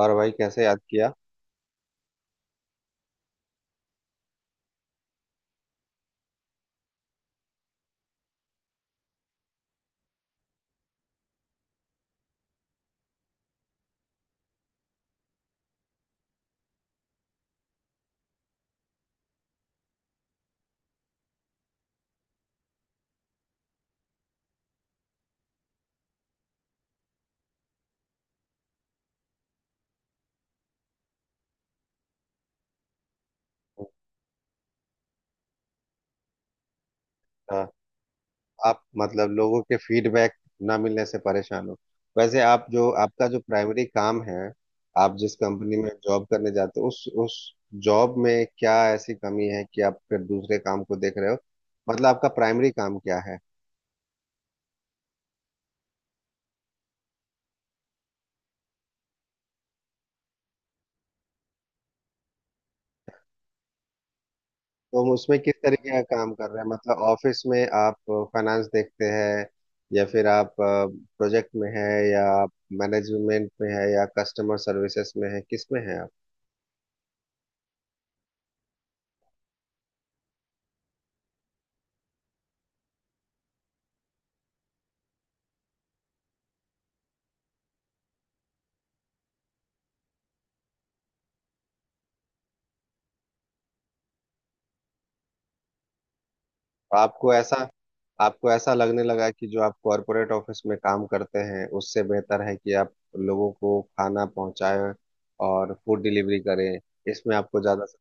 और भाई कैसे याद किया। अच्छा, आप मतलब लोगों के फीडबैक ना मिलने से परेशान हो। वैसे आप जो आपका जो प्राइमरी काम है, आप जिस कंपनी में जॉब करने जाते हो उस जॉब में क्या ऐसी कमी है कि आप फिर दूसरे काम को देख रहे हो? मतलब आपका प्राइमरी काम क्या है? तो हम उसमें किस तरीके का काम कर रहे हैं, मतलब ऑफिस में आप फाइनेंस देखते हैं, या फिर आप प्रोजेक्ट में है, या आप मैनेजमेंट में है, या कस्टमर सर्विसेज में है, किस में है? आपको ऐसा, आपको ऐसा लगने लगा कि जो आप कॉरपोरेट ऑफिस में काम करते हैं, उससे बेहतर है कि आप लोगों को खाना पहुंचाएं और फूड डिलीवरी करें? इसमें आपको ज्यादा समझ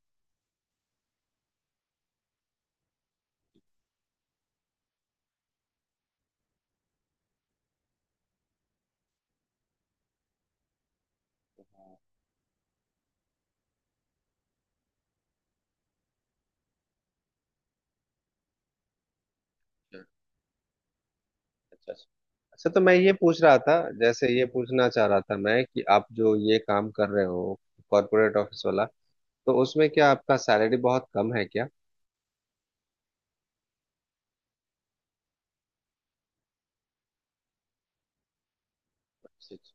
अच्छा अच्छा। अच्छा, तो मैं ये पूछ रहा था, जैसे ये पूछना चाह रहा था मैं, कि आप जो ये काम कर रहे हो कॉरपोरेट ऑफिस वाला, तो उसमें क्या आपका सैलरी बहुत कम है क्या? अच्छा, अच्छा।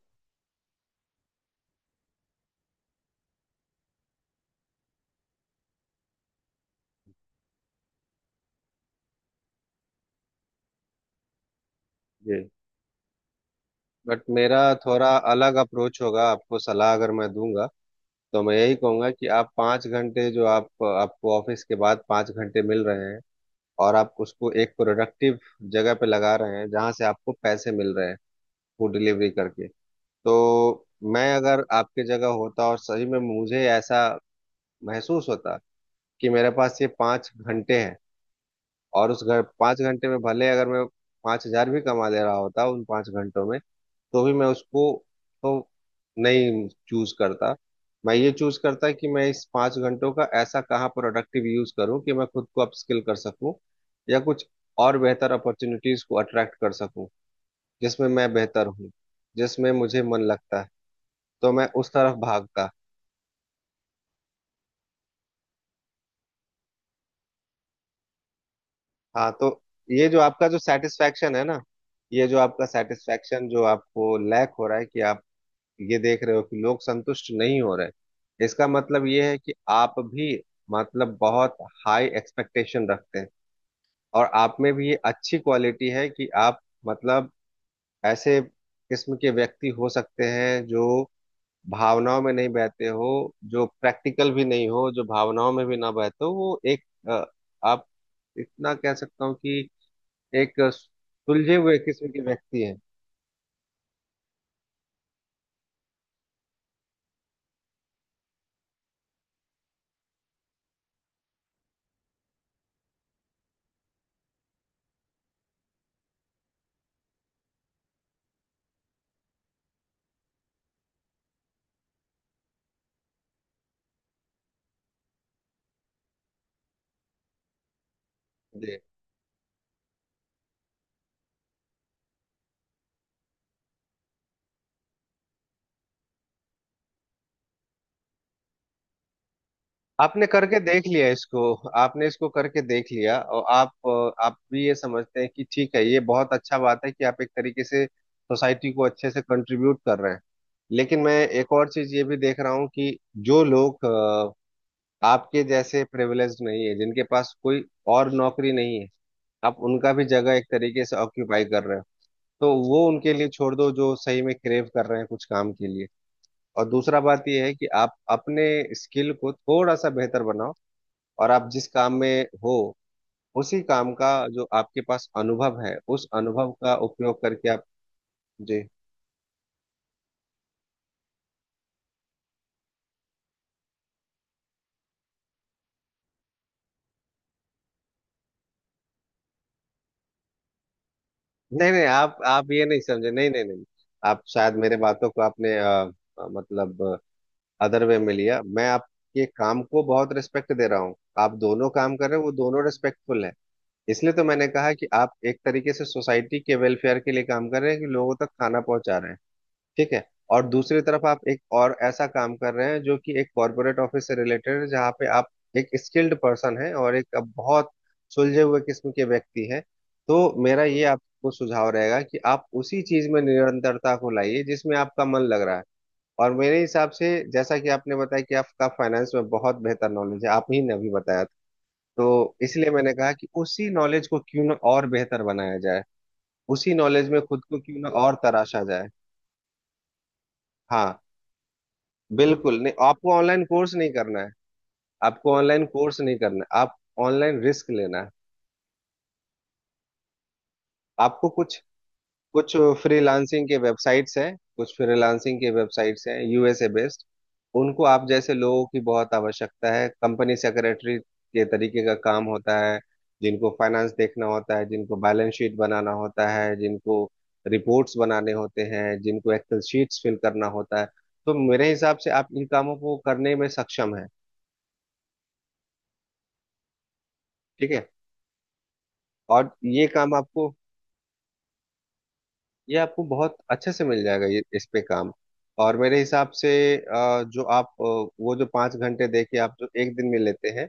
जी। बट मेरा थोड़ा अलग अप्रोच होगा, आपको सलाह अगर मैं दूंगा तो मैं यही कहूंगा कि आप 5 घंटे जो आप, आपको ऑफिस के बाद 5 घंटे मिल रहे हैं और आप उसको एक प्रोडक्टिव जगह पे लगा रहे हैं जहां से आपको पैसे मिल रहे हैं, फूड डिलीवरी करके। तो मैं अगर आपके जगह होता और सही में मुझे ऐसा महसूस होता कि मेरे पास ये 5 घंटे हैं, और उस घर 5 घंटे में भले अगर मैं 5,000 भी कमा ले रहा होता उन 5 घंटों में, तो भी मैं उसको तो नहीं चूज करता। मैं ये चूज करता कि मैं इस 5 घंटों का ऐसा कहाँ प्रोडक्टिव यूज करूँ कि मैं खुद को अपस्किल कर सकूँ, या कुछ और बेहतर अपॉर्चुनिटीज को अट्रैक्ट कर सकूँ जिसमें मैं बेहतर हूँ, जिसमें मुझे मन लगता है। तो मैं उस तरफ भागता। हाँ, तो ये जो आपका जो सेटिस्फैक्शन है ना, ये जो आपका सेटिस्फैक्शन जो आपको लैक हो रहा है कि आप ये देख रहे हो कि लोग संतुष्ट नहीं हो रहे हैं, इसका मतलब ये है कि आप भी मतलब बहुत हाई एक्सपेक्टेशन रखते हैं। और आप में भी ये अच्छी क्वालिटी है कि आप मतलब ऐसे किस्म के व्यक्ति हो सकते हैं जो भावनाओं में नहीं बहते हो, जो प्रैक्टिकल भी नहीं हो, जो भावनाओं में भी ना बहते हो, वो एक अ, आप इतना कह सकता हूँ कि एक सुलझे हुए किस्म के व्यक्ति हैं। जी। आपने करके देख लिया इसको, आपने इसको करके देख लिया, और आप आप भी ये समझते हैं कि ठीक है, ये बहुत अच्छा बात है कि आप एक तरीके से सोसाइटी को अच्छे से कंट्रीब्यूट कर रहे हैं। लेकिन मैं एक और चीज ये भी देख रहा हूँ कि जो लोग आपके जैसे प्रिविलेज्ड नहीं है, जिनके पास कोई और नौकरी नहीं है, आप उनका भी जगह एक तरीके से ऑक्यूपाई कर रहे हो। तो वो उनके लिए छोड़ दो जो सही में क्रेव कर रहे हैं कुछ काम के लिए। और दूसरा बात यह है कि आप अपने स्किल को थोड़ा सा बेहतर बनाओ, और आप जिस काम में हो, उसी काम का जो आपके पास अनुभव है उस अनुभव का उपयोग करके आप जी। नहीं नहीं, आप ये नहीं समझे, नहीं नहीं नहीं, आप शायद मेरे बातों को आपने मतलब अदर वे में लिया। मैं आपके काम को बहुत रिस्पेक्ट दे रहा हूँ, आप दोनों काम कर रहे हो, वो दोनों रिस्पेक्टफुल है। इसलिए तो मैंने कहा कि आप एक तरीके से सोसाइटी के वेलफेयर के लिए काम कर रहे हैं कि लोगों तक खाना पहुंचा रहे हैं। ठीक है। और दूसरी तरफ आप एक और ऐसा काम कर रहे हैं जो कि एक कॉर्पोरेट ऑफिस से रिलेटेड है, जहाँ पे आप एक स्किल्ड पर्सन है और एक बहुत सुलझे हुए किस्म के व्यक्ति है। तो मेरा ये आपको सुझाव रहेगा कि आप उसी चीज में निरंतरता को लाइए जिसमें आपका मन लग रहा है। और मेरे हिसाब से जैसा कि आपने बताया कि आपका फाइनेंस में बहुत बेहतर नॉलेज है, आप ही ने अभी बताया था, तो इसलिए मैंने कहा कि उसी नॉलेज को क्यों ना और बेहतर बनाया जाए, उसी नॉलेज में खुद को क्यों ना और तराशा जाए। हाँ, बिल्कुल नहीं, आपको ऑनलाइन कोर्स नहीं करना है। आपको ऑनलाइन कोर्स नहीं करना है, आप ऑनलाइन रिस्क लेना है। आपको कुछ कुछ फ्रीलांसिंग के वेबसाइट्स हैं, कुछ फ्रीलांसिंग के वेबसाइट्स हैं यूएसए बेस्ड। उनको आप जैसे लोगों की बहुत आवश्यकता है। कंपनी सेक्रेटरी के तरीके का काम होता है, जिनको फाइनेंस देखना होता है, जिनको बैलेंस शीट बनाना होता है, जिनको रिपोर्ट्स बनाने होते हैं, जिनको एक्सेल शीट्स फिल करना होता है। तो मेरे हिसाब से आप इन कामों को करने में सक्षम है। ठीक है। और ये काम आपको, ये आपको बहुत अच्छे से मिल जाएगा। ये इस पे काम। और मेरे हिसाब से जो आप वो जो पाँच घंटे दे के आप जो एक दिन में लेते हैं,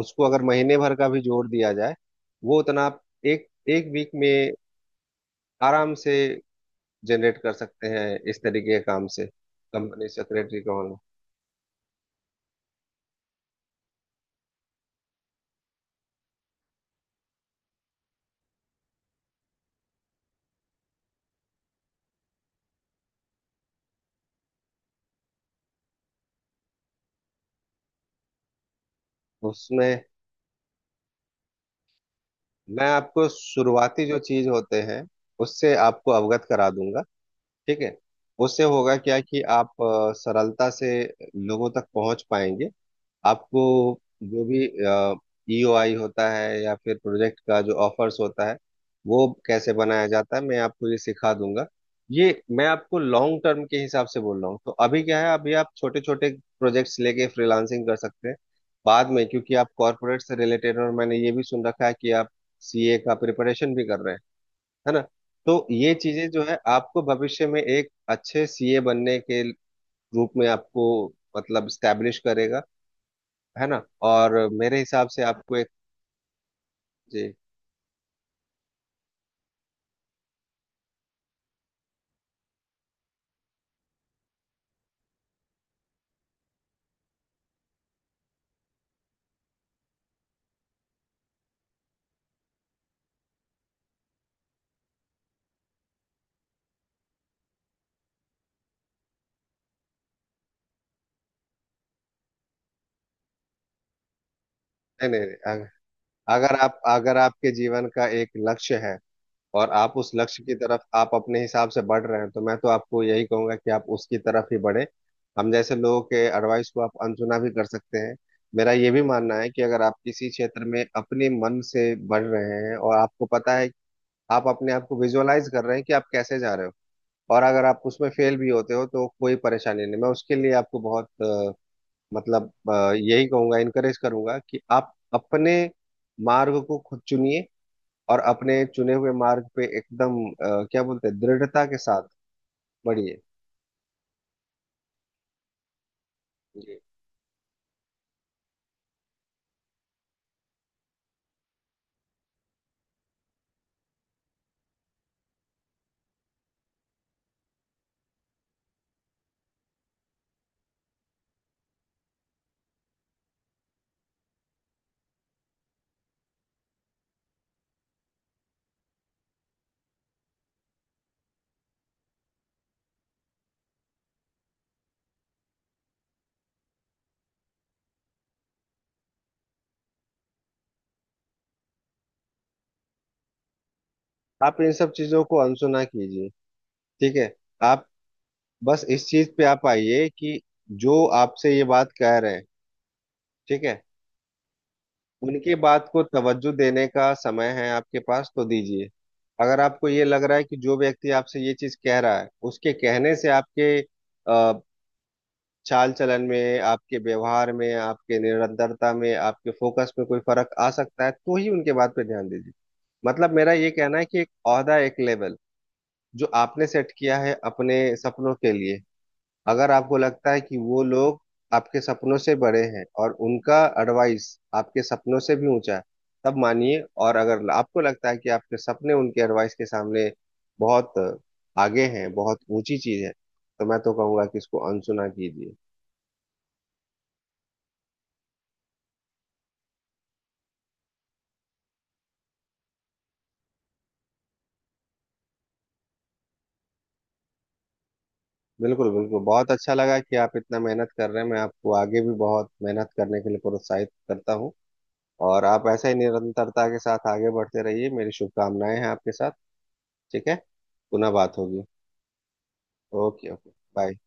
उसको अगर महीने भर का भी जोड़ दिया जाए, वो उतना आप एक एक वीक में आराम से जनरेट कर सकते हैं इस तरीके के काम से। कंपनी सेक्रेटरी का होना। उसमें मैं आपको शुरुआती जो चीज होते हैं उससे आपको अवगत करा दूंगा। ठीक है। उससे होगा क्या कि आप सरलता से लोगों तक पहुंच पाएंगे। आपको जो भी ईओआई होता है या फिर प्रोजेक्ट का जो ऑफर्स होता है, वो कैसे बनाया जाता है, मैं आपको ये सिखा दूंगा। ये मैं आपको लॉन्ग टर्म के हिसाब से बोल रहा हूँ। तो अभी क्या है, अभी आप छोटे छोटे प्रोजेक्ट्स लेके फ्रीलांसिंग कर सकते हैं। बाद में क्योंकि आप कॉरपोरेट से रिलेटेड, और मैंने ये भी सुन रखा है कि आप सीए का प्रिपरेशन भी कर रहे हैं, है ना? तो ये चीजें जो है आपको भविष्य में एक अच्छे सीए बनने के रूप में आपको मतलब स्टैब्लिश करेगा, है ना? और मेरे हिसाब से आपको एक जी। नहीं नहीं नहीं, अग- अगर आप, अगर आपके जीवन का एक लक्ष्य है और आप उस लक्ष्य की तरफ आप अपने हिसाब से बढ़ रहे हैं, तो मैं तो आपको यही कहूंगा कि आप उसकी तरफ ही बढ़े। हम जैसे लोगों के एडवाइस को आप अनसुना भी कर सकते हैं। मेरा ये भी मानना है कि अगर आप किसी क्षेत्र में अपने मन से बढ़ रहे हैं और आपको पता है, आप अपने आप को विजुअलाइज कर रहे हैं कि आप कैसे जा रहे हो, और अगर आप उसमें फेल भी होते हो तो कोई परेशानी नहीं। मैं उसके लिए आपको बहुत यही कहूंगा, इनकरेज करूंगा कि आप अपने मार्ग को खुद चुनिए और अपने चुने हुए मार्ग पे एकदम क्या बोलते हैं, दृढ़ता के साथ बढ़िए। जी। आप इन सब चीजों को अनसुना कीजिए। ठीक है। आप बस इस चीज पे आप आइए कि जो आपसे ये बात कह रहे हैं, ठीक है, उनकी बात को तवज्जो देने का समय है आपके पास तो दीजिए। अगर आपको ये लग रहा है कि जो व्यक्ति आपसे ये चीज कह रहा है उसके कहने से आपके चाल चलन में, आपके व्यवहार में, आपके निरंतरता में, आपके फोकस में कोई फर्क आ सकता है, तो ही उनके बात पे ध्यान दीजिए। मतलब मेरा ये कहना है कि एक ओहदा, एक लेवल जो आपने सेट किया है अपने सपनों के लिए, अगर आपको लगता है कि वो लोग आपके सपनों से बड़े हैं और उनका एडवाइस आपके सपनों से भी ऊंचा है, तब मानिए। और अगर आपको लगता है कि आपके सपने उनके एडवाइस के सामने बहुत आगे हैं, बहुत ऊंची चीज है, तो मैं तो कहूंगा कि इसको अनसुना कीजिए। बिल्कुल बिल्कुल, बहुत अच्छा लगा कि आप इतना मेहनत कर रहे हैं। मैं आपको आगे भी बहुत मेहनत करने के लिए प्रोत्साहित करता हूँ, और आप ऐसा ही निरंतरता के साथ आगे बढ़ते रहिए। मेरी शुभकामनाएं हैं आपके साथ। ठीक है, पुनः बात होगी। Okay okay. बाय।